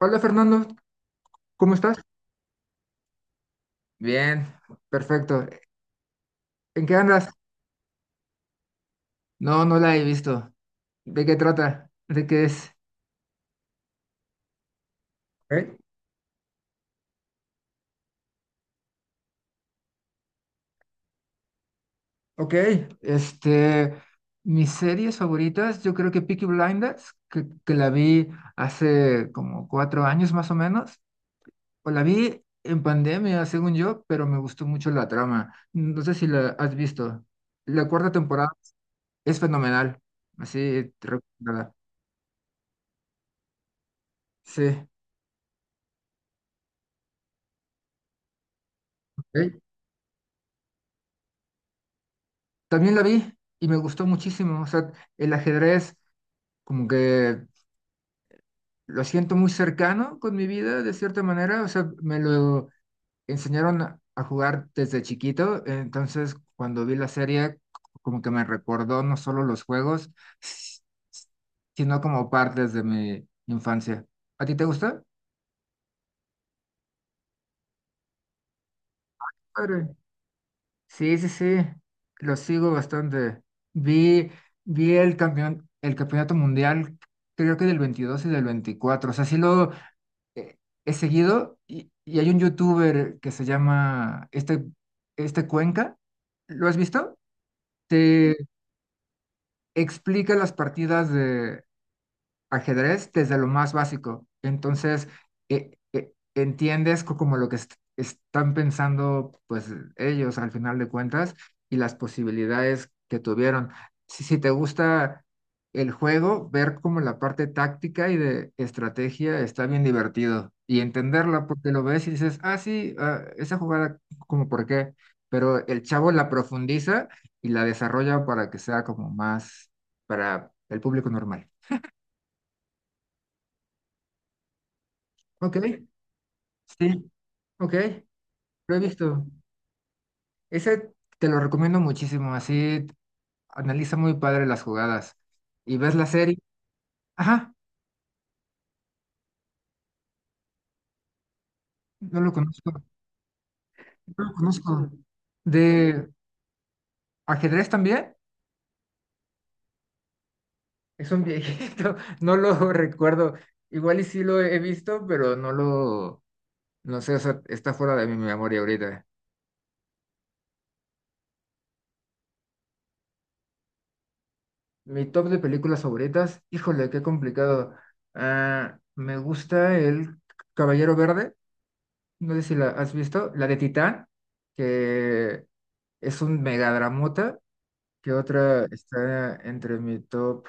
Hola Fernando, ¿cómo estás? Bien, perfecto. ¿En qué andas? No, no la he visto. ¿De qué trata? ¿De qué es? ¿Eh? Ok, este, mis series favoritas, yo creo que Peaky Blinders, que la vi hace como 4 años más o menos, o la vi en pandemia, según yo, pero me gustó mucho la trama. No sé si la has visto. La cuarta temporada es fenomenal, así te recomendada. Sí, ok. También la vi y me gustó muchísimo. O sea, el ajedrez como que lo siento muy cercano con mi vida de cierta manera. O sea, me lo enseñaron a jugar desde chiquito. Entonces, cuando vi la serie, como que me recordó no solo los juegos, s- sino como partes de mi infancia. ¿A ti te gusta? Padre. Sí, sí, sí, lo sigo bastante. Vi, vi el campeonato mundial, creo que del 22 y del veinticuatro. O sea, sí lo eh, he seguido y hay un youtuber que se llama Cuenca. ¿Lo has visto? Te explica las partidas de ajedrez desde lo más básico. Entonces, entiendes como lo que están pensando pues ellos al final de cuentas y las posibilidades que tuvieron. Si, si te gusta el juego, ver como la parte táctica y de estrategia está bien divertido y entenderla porque lo ves y dices, ah, sí, ah, esa jugada como por qué, pero el chavo la profundiza y la desarrolla para que sea como más para el público normal. Ok, sí, ok, lo he visto. Ese te lo recomiendo muchísimo, así analiza muy padre las jugadas y ves la serie. Ajá, no lo conozco, no lo conozco. ¿De ajedrez también? Es un viejito, no lo recuerdo. Igual y sí lo he visto, pero no sé, o sea, está fuera de mi memoria ahorita. Mi top de películas favoritas, híjole, qué complicado. Ah, me gusta El Caballero Verde. No sé si la has visto, la de Titán, que es un megadramota, que otra está entre mi top.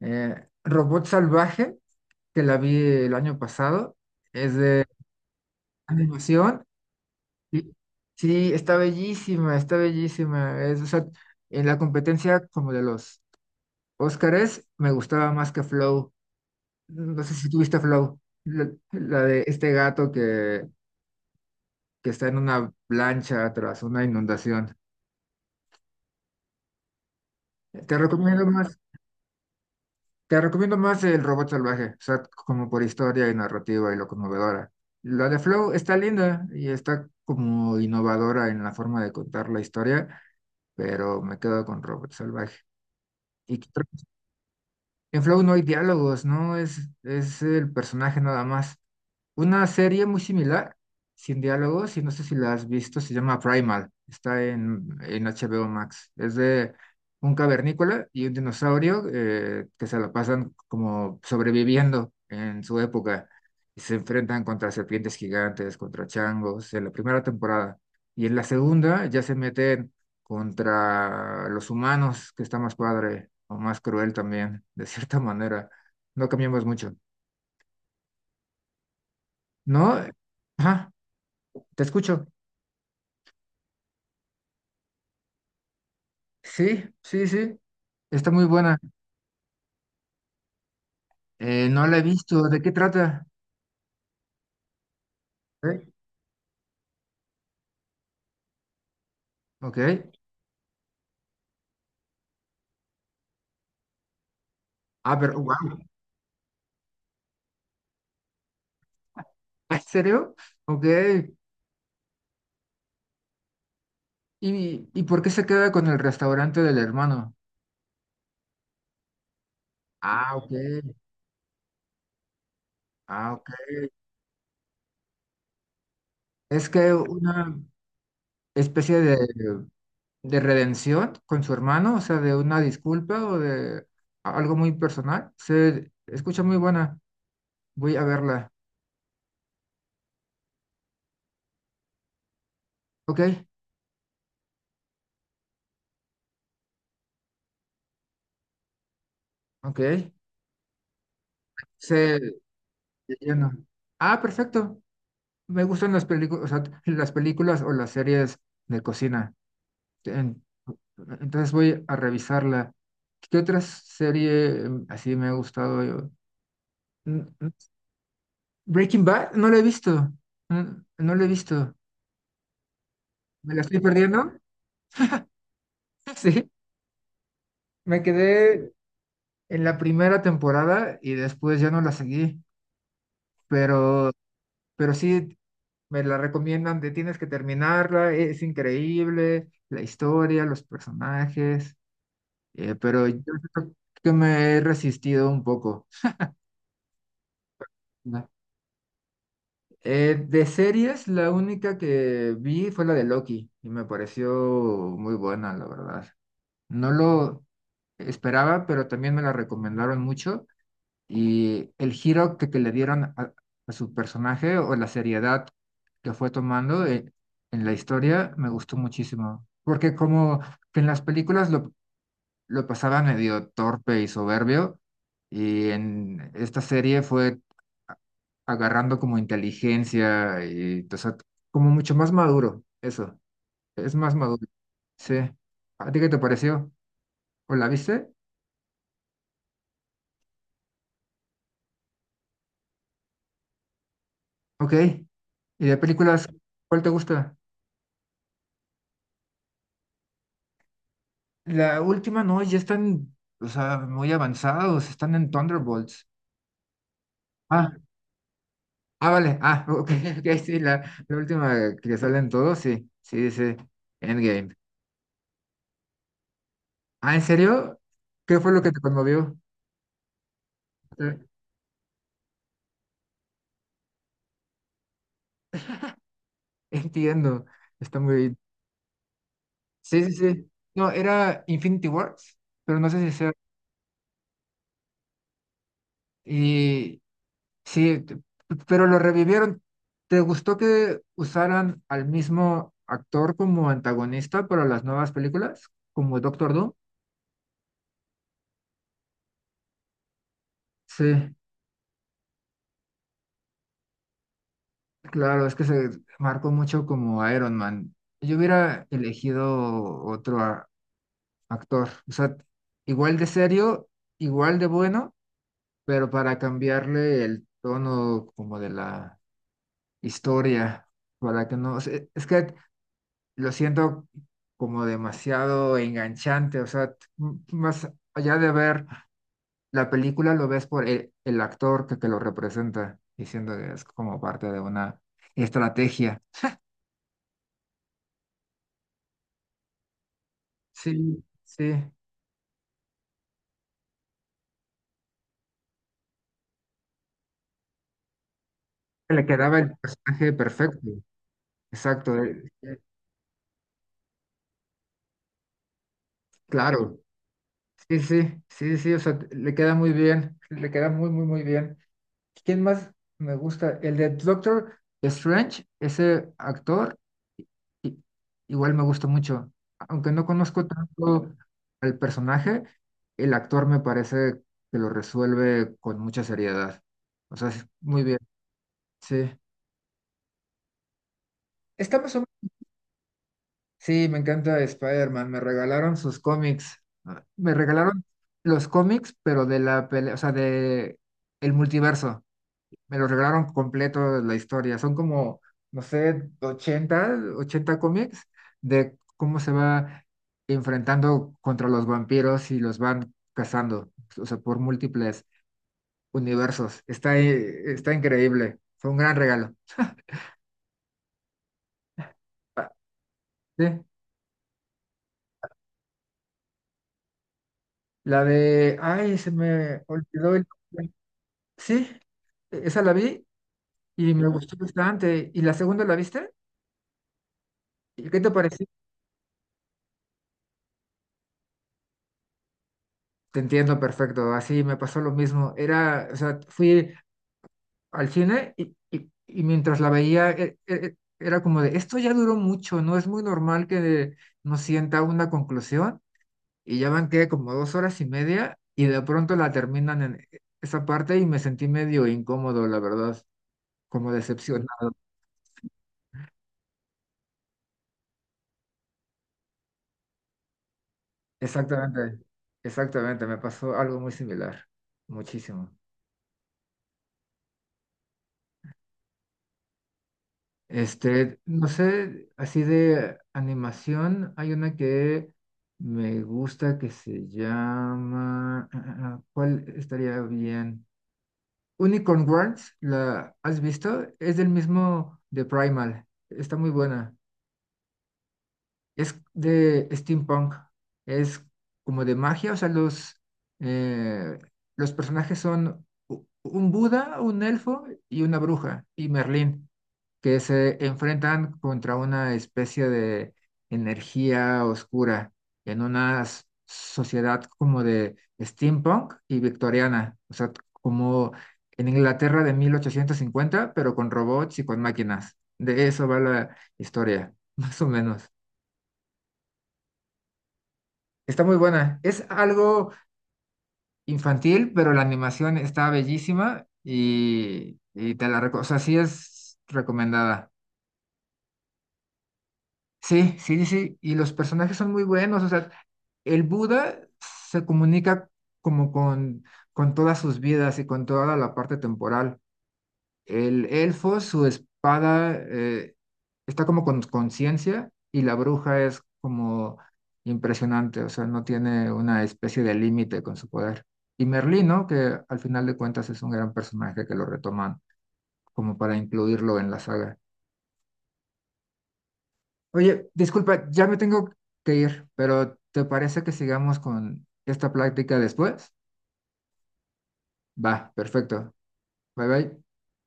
Robot Salvaje, que la vi el año pasado, es de animación. y- sí, está bellísima, está bellísima. O sea, en la competencia como de los Óscares, me gustaba más que Flow. No sé si tuviste Flow, la de este gato que está en una plancha tras una inundación. Te recomiendo más, te recomiendo más el robot salvaje, o sea, como por historia y narrativa y lo conmovedora. La de Flow está linda y está como innovadora en la forma de contar la historia, pero me quedo con robot salvaje. ¿Y qué otra En Flow no hay diálogos, ¿no? Es el personaje nada más. Una serie muy similar, sin diálogos, y no sé si la has visto, se llama Primal. Está en HBO Max. Es de un cavernícola y un dinosaurio que se la pasan como sobreviviendo en su época. Y se enfrentan contra serpientes gigantes, contra changos, en la primera temporada. Y en la segunda ya se meten contra los humanos, que está más padre o más cruel también, de cierta manera. No cambiamos mucho. No, ajá, te escucho. Sí, sí, sí, está muy buena. No la he visto. ¿De qué trata? ¿Eh? Ok. Ah, pero, wow, ¿en serio? Ok. ¿Y por qué se queda con el restaurante del hermano? Ah, ok. Ah, ok. Es que una especie de redención con su hermano, o sea, de una disculpa o de algo muy personal. Se escucha muy buena, voy a verla. Ok, ok. Se llena. Ah, perfecto. Me gustan las películas, o sea, las películas o las series de cocina. En- entonces voy a revisarla. ¿Qué otra serie así me ha gustado? Mm, mm, Breaking Bad, no la he visto. No la he visto. ¿Me la estoy perdiendo? Sí, me quedé en la primera temporada y después ya no la seguí, pero, pero sí me la recomiendan de tienes que terminarla, es increíble, la historia, los personajes, pero yo creo que me he resistido un poco, ¿no? De series, la única que vi fue la de Loki y me pareció muy buena, la verdad. No lo esperaba, pero también me la recomendaron mucho. Y el giro que le dieron a su personaje o la seriedad que fue tomando en la historia me gustó muchísimo. Porque como que en las películas lo pasaba medio torpe y soberbio, y en esta serie fue a- agarrando como inteligencia y o sea, como mucho más maduro, eso, es más maduro. Sí. ¿A ti qué te pareció? ¿O la viste? Ok. ¿Y de películas, cuál te gusta? La última no, ya están, o sea, muy avanzados, están en Thunderbolts. Ah, ah, vale, ah, ok, ok, sí, la última que salen todos, sí, sí, dice Endgame. Ah, ¿en serio? ¿Qué fue lo que te conmovió? Eh, Entiendo, está muy bien. Sí, sí, sí. No, era Infinity Wars, pero no sé si sea. Y, Sí, pero lo revivieron. ¿Te gustó que usaran al mismo actor como antagonista para las nuevas películas? Como Doctor Doom. Sí, claro, es que se marcó mucho como Iron Man. Yo hubiera elegido otro actor, o sea, igual de serio, igual de bueno, pero para cambiarle el tono como de la historia, para que no, o sea, es que lo siento como demasiado enganchante, o sea, más allá de ver la película, lo ves por el actor que lo representa, diciendo que es como parte de una estrategia. Sí, sí, le quedaba el personaje perfecto, exacto, claro, sí, sí, sí, sí, o sea, le queda muy bien, le queda muy, muy, muy bien. ¿Quién más me gusta? El de Doctor Strange, ese actor, i- igual me gusta mucho. Aunque no conozco tanto al personaje, el actor me parece que lo resuelve con mucha seriedad. O sea, es muy bien. Sí. Está más o menos- Sí, me encanta Spider-Man. Me regalaron sus cómics. Ah, me regalaron los cómics, pero de la pelea, o sea, de el multiverso. Me lo regalaron completo la historia. Son como, no sé, 80 cómics de cómo se va enfrentando contra los vampiros y los van cazando, o sea, por múltiples universos. Está increíble. Fue un gran regalo. Ah, sí, la de, ay, se me olvidó el. Sí, esa la vi y me gustó bastante. ¿Y la segunda la viste? ¿Y qué te pareció? Te entiendo perfecto, así me pasó lo mismo. Era, o sea, fui al cine y mientras la veía era como de, esto ya duró mucho, no es muy normal que no sienta una conclusión y ya van que como 2 horas y media y de pronto la terminan en esa parte y me sentí medio incómodo, la verdad, como decepcionado. Exactamente, exactamente, me pasó algo muy similar, muchísimo. No sé, así de animación, hay una que me gusta que se llama, ¿cuál estaría bien? Unicorn Wars, ¿la has visto? Es del mismo de Primal, está muy buena. Es de steampunk, es como de magia, o sea, eh, los personajes son un Buda, un elfo y una bruja, y Merlín que se enfrentan contra una especie de energía oscura en una sociedad como de steampunk y victoriana, o sea, como en Inglaterra de 1850, pero con robots y con máquinas. De eso va la historia, más o menos. Está muy buena. Es algo infantil, pero la animación está bellísima y te la recomiendo. O sea, sí es recomendada. Sí, sí, sí, y los personajes son muy buenos, o sea, el Buda se comunica como con todas sus vidas y con toda la parte temporal. El elfo, su espada está como con conciencia y la bruja es como impresionante, o sea, no tiene una especie de límite con su poder. Y Merlín, ¿no? Que al final de cuentas es un gran personaje que lo retoman como para incluirlo en la saga. Oye, disculpa, ya me tengo que ir, pero ¿te parece que sigamos con esta práctica después? Va, perfecto. Bye bye.